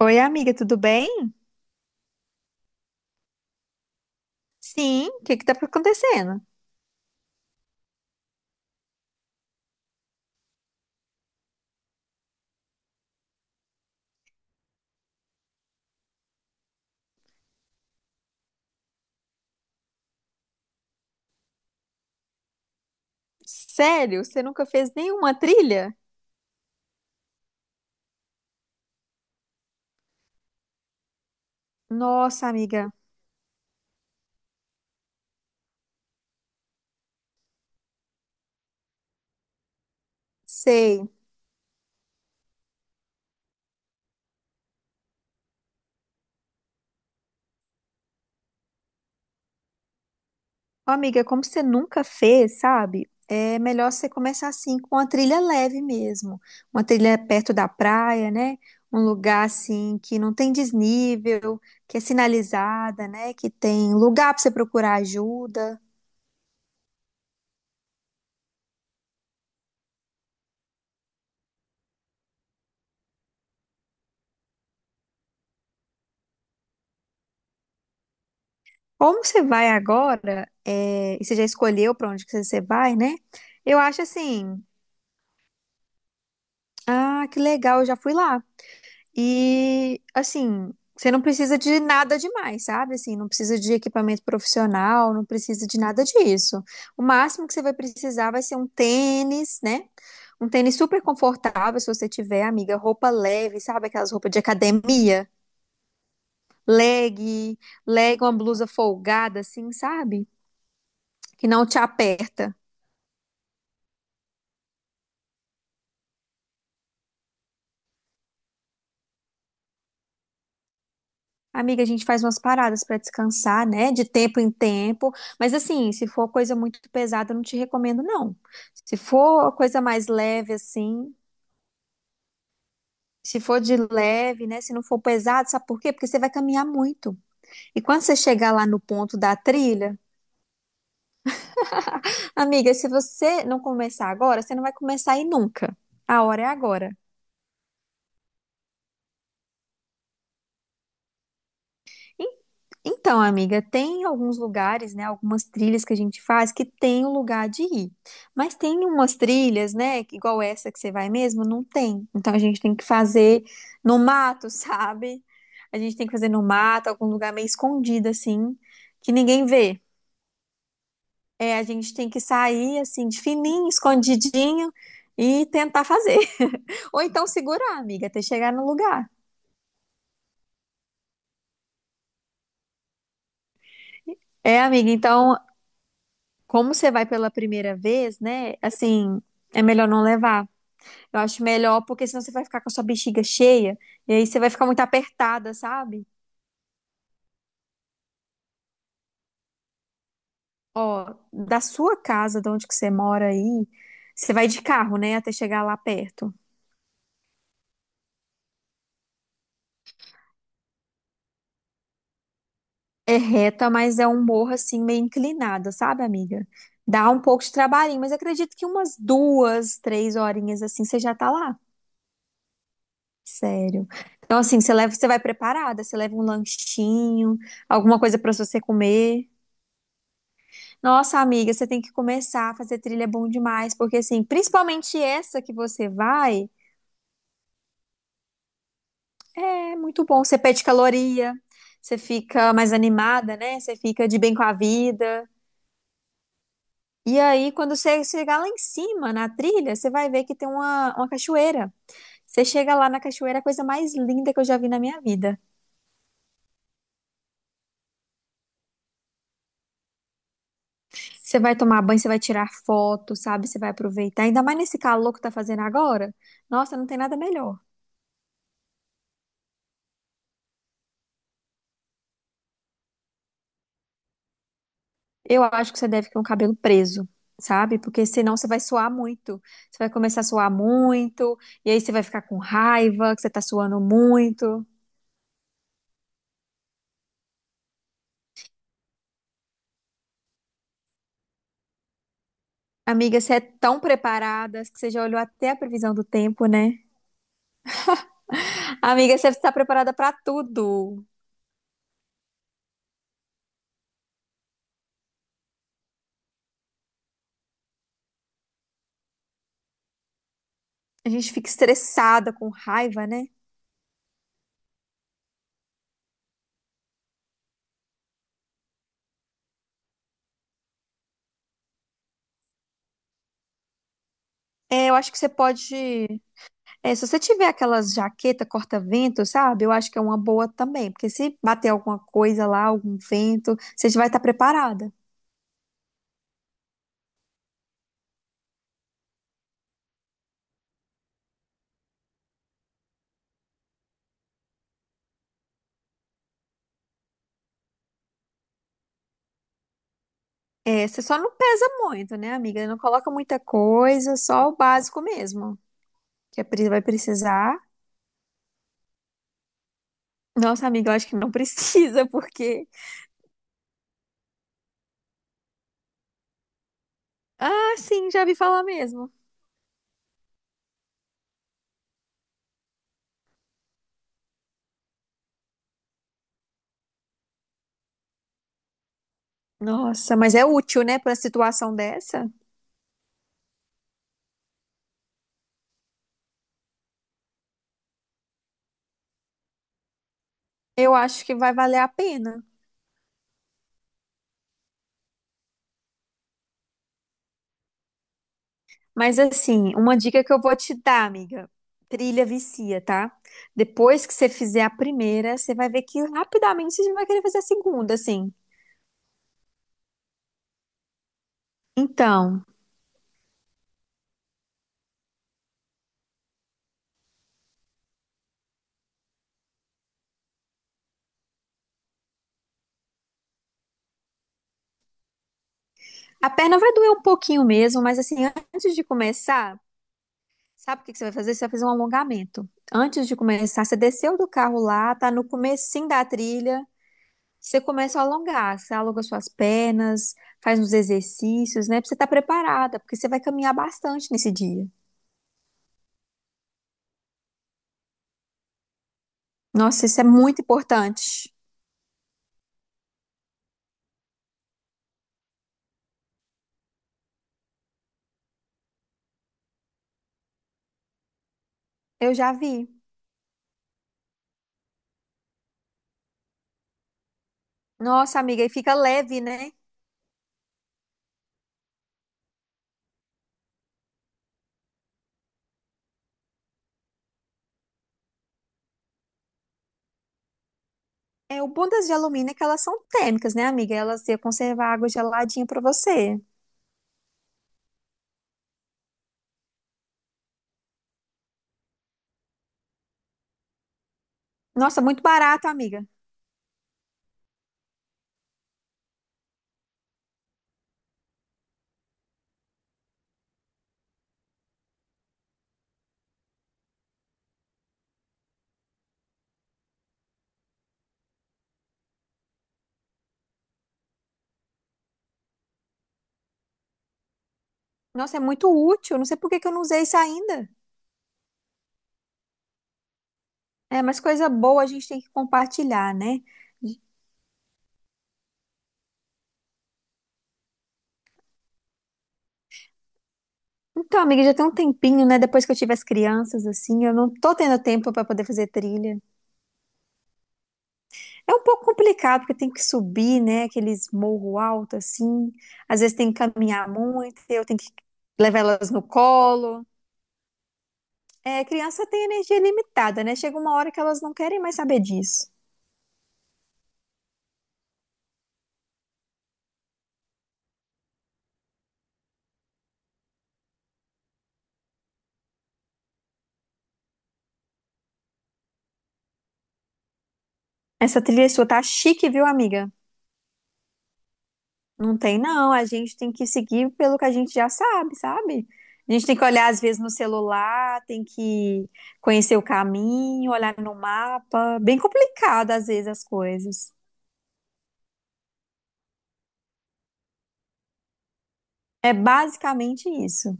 Oi, amiga, tudo bem? Sim, o que que tá acontecendo? Sério, você nunca fez nenhuma trilha? Nossa, amiga, sei. Ó, amiga, como você nunca fez, sabe? É melhor você começar assim com uma trilha leve mesmo. Uma trilha perto da praia, né? Um lugar assim que não tem desnível, que é sinalizada, né? Que tem lugar para você procurar ajuda. Como você vai agora, é, e você já escolheu para onde que você vai, né? Eu acho assim. Ah, que legal, eu já fui lá. E assim, você não precisa de nada demais, sabe? Assim, não precisa de equipamento profissional, não precisa de nada disso. O máximo que você vai precisar vai ser um tênis, né? Um tênis super confortável, se você tiver, amiga, roupa leve, sabe? Aquelas roupas de academia, leg, leg, uma blusa folgada, assim, sabe? Que não te aperta. Amiga, a gente faz umas paradas pra descansar, né? De tempo em tempo. Mas assim, se for coisa muito pesada, eu não te recomendo, não. Se for coisa mais leve, assim, se for de leve, né? Se não for pesado, sabe por quê? Porque você vai caminhar muito. E quando você chegar lá no ponto da trilha, amiga, se você não começar agora, você não vai começar aí nunca. A hora é agora. Então, amiga, tem alguns lugares, né, algumas trilhas que a gente faz que tem o lugar de ir. Mas tem umas trilhas, né, que igual essa que você vai mesmo, não tem. Então a gente tem que fazer no mato, sabe? A gente tem que fazer no mato, algum lugar meio escondido assim, que ninguém vê. É, a gente tem que sair assim de fininho, escondidinho e tentar fazer. Ou então segurar, amiga, até chegar no lugar. É, amiga, então, como você vai pela primeira vez, né? Assim, é melhor não levar. Eu acho melhor, porque senão você vai ficar com a sua bexiga cheia e aí você vai ficar muito apertada, sabe? Ó, da sua casa, de onde que você mora aí, você vai de carro, né, até chegar lá perto. É reta, mas é um morro assim meio inclinado, sabe, amiga? Dá um pouco de trabalhinho, mas acredito que umas duas, três horinhas assim você já tá lá. Sério. Então, assim, você leva, você vai preparada, você leva um lanchinho, alguma coisa pra você comer. Nossa, amiga, você tem que começar a fazer trilha é bom demais, porque assim, principalmente essa que você vai, é muito bom. Você perde caloria, você fica mais animada, né? Você fica de bem com a vida. E aí, quando você chegar lá em cima na trilha, você vai ver que tem uma cachoeira. Você chega lá na cachoeira, é a coisa mais linda que eu já vi na minha vida. Você vai tomar banho, você vai tirar foto, sabe? Você vai aproveitar. Ainda mais nesse calor que tá fazendo agora. Nossa, não tem nada melhor. Eu acho que você deve ter um cabelo preso, sabe? Porque senão você vai suar muito. Você vai começar a suar muito, e aí você vai ficar com raiva, que você tá suando muito. Amiga, você é tão preparada, que você já olhou até a previsão do tempo, né? Amiga, você está preparada pra tudo. A gente fica estressada, com raiva, né? É, eu acho que você pode. É, se você tiver aquelas jaqueta corta-vento, sabe? Eu acho que é uma boa também, porque se bater alguma coisa lá, algum vento, você já vai estar preparada. É, você só não pesa muito, né, amiga? Não coloca muita coisa, só o básico mesmo, que a Pri vai precisar. Nossa, amiga, eu acho que não precisa, porque. Ah, sim, já vi falar mesmo. Nossa, mas é útil, né, para situação dessa? Eu acho que vai valer a pena. Mas assim, uma dica que eu vou te dar, amiga: trilha vicia, tá? Depois que você fizer a primeira, você vai ver que rapidamente você já vai querer fazer a segunda, assim. Então, a perna vai doer um pouquinho mesmo, mas assim, antes de começar. Sabe o que que você vai fazer? Você vai fazer um alongamento. Antes de começar, você desceu do carro lá, tá no comecinho da trilha, você começa a alongar, você alonga suas pernas, faz uns exercícios, né? Pra você estar preparada, porque você vai caminhar bastante nesse dia. Nossa, isso é muito importante. Eu já vi. Nossa, amiga, e fica leve, né? É, o bom das de alumínio é que elas são térmicas, né, amiga? Elas iam conservar água geladinha pra você. Nossa, muito barato, amiga. Nossa, é muito útil. Não sei por que que eu não usei isso ainda. É, mas coisa boa a gente tem que compartilhar, né? Então, amiga, já tem um tempinho, né? Depois que eu tive as crianças, assim, eu não tô tendo tempo pra poder fazer trilha. É um pouco complicado, porque tem que subir, né? Aqueles morro alto, assim. Às vezes tem que caminhar muito, eu tenho que levar elas no colo. É, criança tem energia limitada, né? Chega uma hora que elas não querem mais saber disso. Essa trilha sua tá chique, viu, amiga? Não tem, não. A gente tem que seguir pelo que a gente já sabe, sabe? A gente tem que olhar, às vezes, no celular, tem que conhecer o caminho, olhar no mapa. Bem complicado, às vezes, as coisas. É basicamente isso.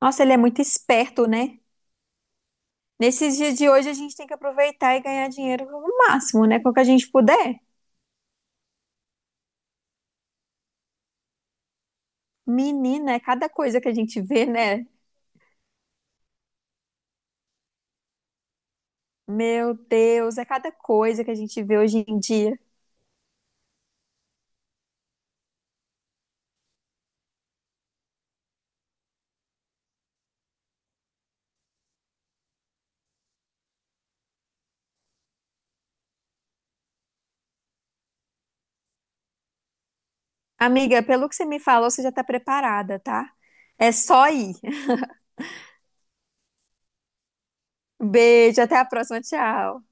Nossa, ele é muito esperto, né? Nesses dias de hoje, a gente tem que aproveitar e ganhar dinheiro o máximo, né? Com o que a gente puder. Menina, é cada coisa que a gente vê, né? Meu Deus, é cada coisa que a gente vê hoje em dia. Amiga, pelo que você me falou, você já tá preparada, tá? É só ir. Beijo, até a próxima, tchau.